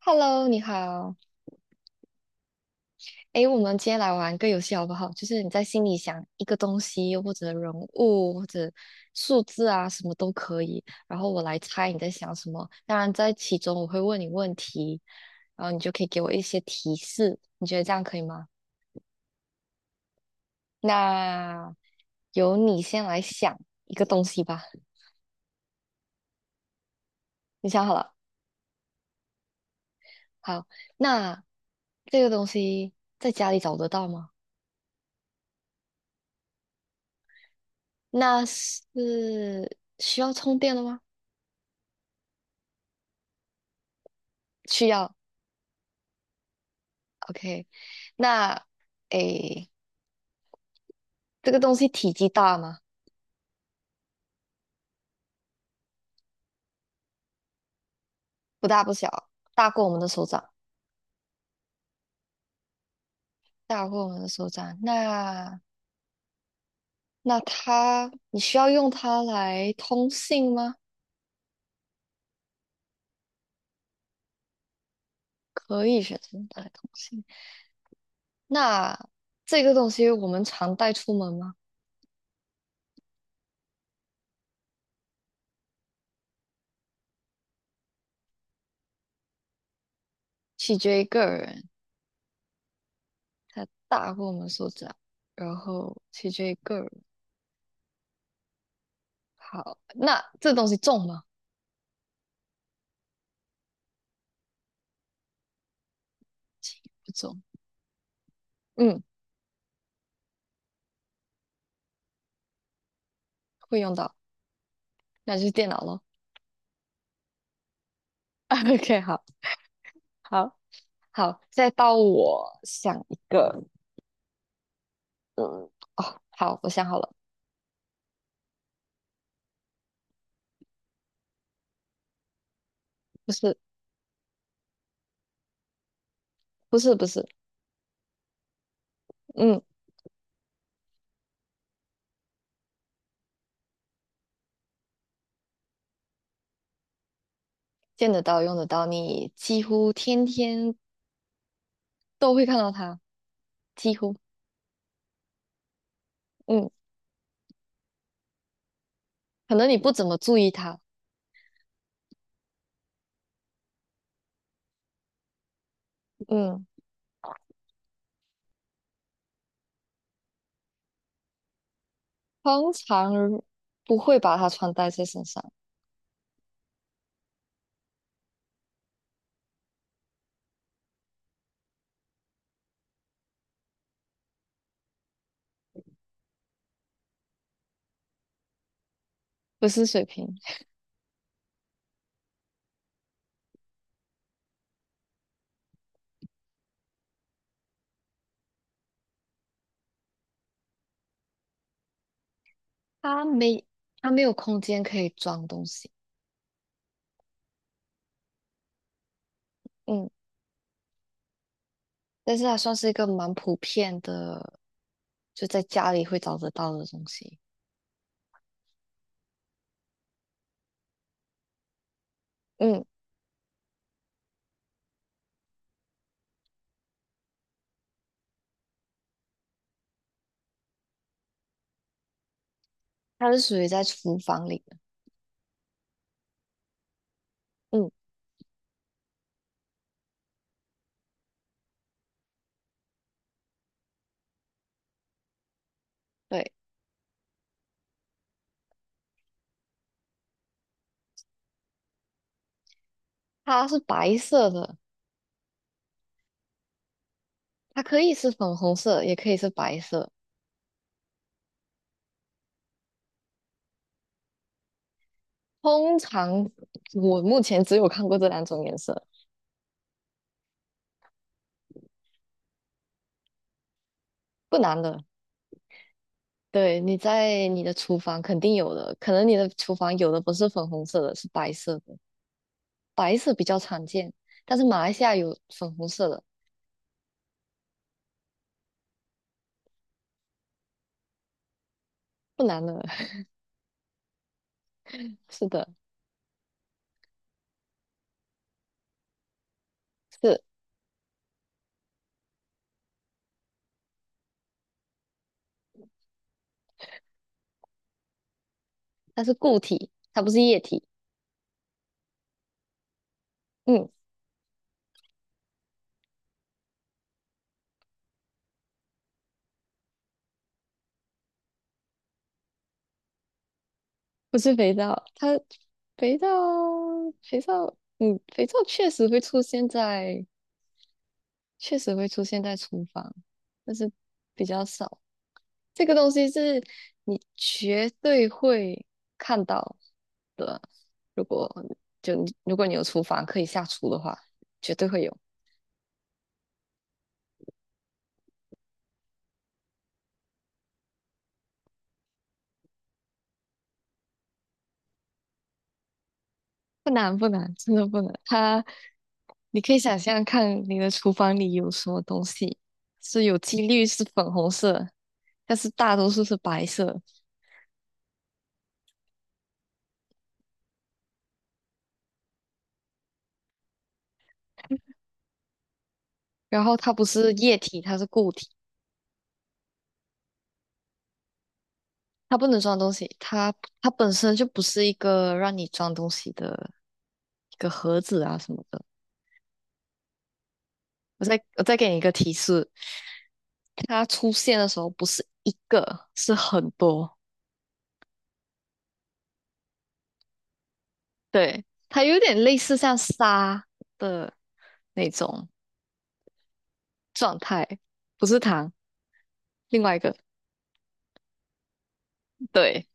Hello，你好。诶，我们今天来玩个游戏好不好？就是你在心里想一个东西，又或者人物，或者数字啊，什么都可以。然后我来猜你在想什么。当然，在其中我会问你问题，然后你就可以给我一些提示。你觉得这样可以吗？那由你先来想一个东西吧。你想好了？好，那这个东西在家里找得到吗？那是需要充电的吗？需要。OK，那诶，这个东西体积大吗？不大不小，大过我们的手掌，大过我们的手掌。那它，你需要用它来通信吗？可以选择用它来通信。那这个东西我们常带出门吗？取决于个人，它大过我们手掌，然后取决于个人。好，那这东西重吗？轻，不重。嗯，会用到，那就是电脑咯。OK，好，好。好，再到我想一个，嗯，哦，好，我想好了，不是，不是，不是，嗯，见得到，用得到，你几乎天天都会看到它，几乎，嗯，可能你不怎么注意它，嗯，通常不会把它穿戴在身上，不是水瓶，它没，它没有空间可以装东西，嗯，但是它算是一个蛮普遍的，就在家里会找得到的东西，嗯，它是属于在厨房里的，嗯。对。它是白色的，它可以是粉红色，也可以是白色。通常我目前只有看过这两种颜色，不难的。对，你在你的厨房肯定有的，可能你的厨房有的不是粉红色的，是白色的，白色比较常见，但是马来西亚有粉红色的，不难的。是的，是，它是固体，它不是液体。嗯，不是肥皂，肥皂，肥皂，嗯，肥皂确实会出现在厨房，但是比较少。这个东西是你绝对会看到的。如果如果你有厨房可以下厨的话，绝对会有。不难不难，真的不难。你可以想象看你的厨房里有什么东西，是有几率是粉红色，但是大多数是白色。然后它不是液体，它是固体，它不能装东西，它本身就不是一个让你装东西的一个盒子啊什么的。我再给你一个提示，它出现的时候不是一个，是很多。对，它有点类似像沙的那种状态，不是糖，另外一个。对，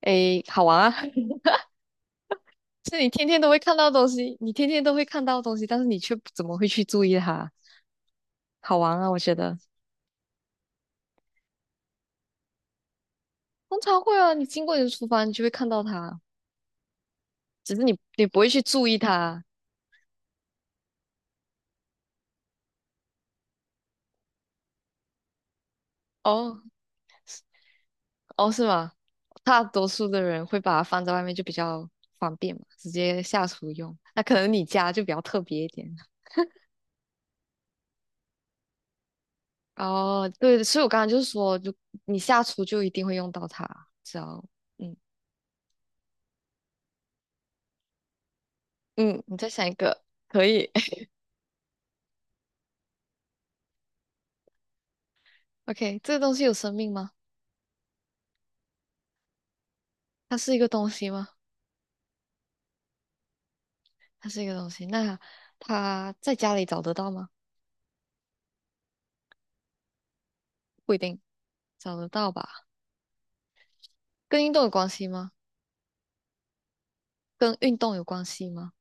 诶，好玩啊！是你天天都会看到的东西，你天天都会看到的东西，但是你却不怎么会去注意它，好玩啊！我觉得通常会啊，你经过你的厨房，你就会看到它，只是你不会去注意它。哦，哦，是吗？大多数的人会把它放在外面，就比较方便嘛，直接下厨用。那可能你家就比较特别一点。哦，对，所以我刚刚就是说，就你下厨就一定会用到它，只要嗯嗯，你再想一个，可以。OK，这个东西有生命吗？它是一个东西吗？它是一个东西。那它在家里找得到吗？不一定，找得到吧？跟运动有关系吗？跟运动有关系吗？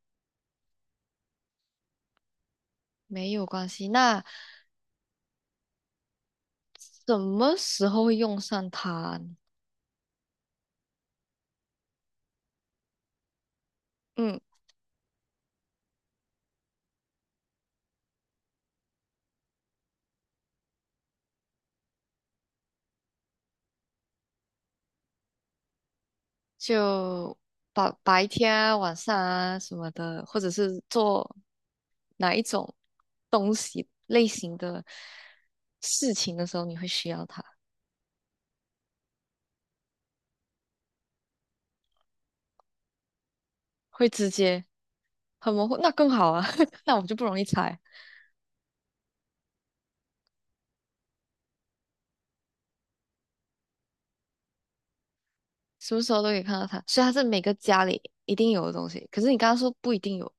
没有关系。那什么时候会用上它呢嗯，就白天啊、晚上啊什么的，或者是做哪一种东西类型的事情的时候，你会需要它，会直接很模糊，那更好啊，那我就不容易猜，什么时候都可以看到它，所以它是每个家里一定有的东西。可是你刚刚说不一定有，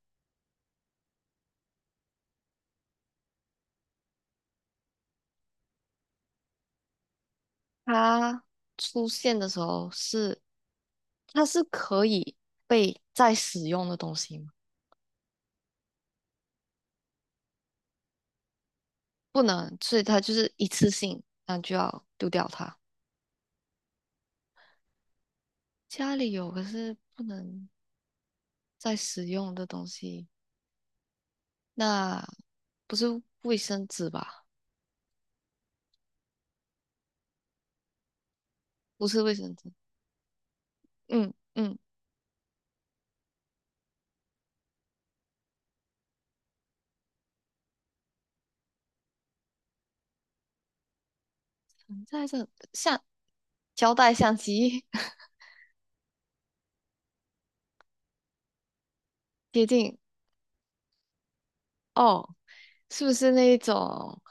它出现的时候是，它是可以被再使用的东西吗？不能，所以它就是一次性，那就要丢掉它。家里有，可是不能再使用的东西，那不是卫生纸吧？不是卫生纸，嗯嗯，在这像胶带、相机 接近哦，是不是那一种？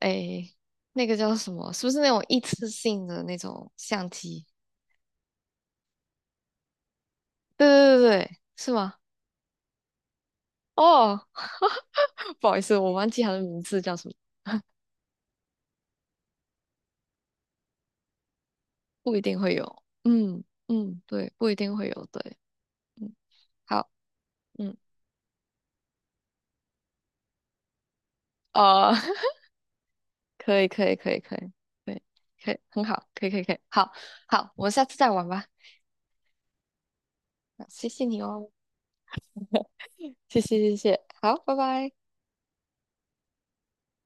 诶，那个叫什么？是不是那种一次性的那种相机？对对对对，是吗？哦，不好意思，我忘记他的名字叫什么，不一定会有。嗯嗯，对，不一定会有。对，嗯，好，嗯，哦，可以可以可以可以，对，可以，很好，可以可以可以，好好，我们下次再玩吧。那谢谢你哦，谢谢谢谢，好，拜拜。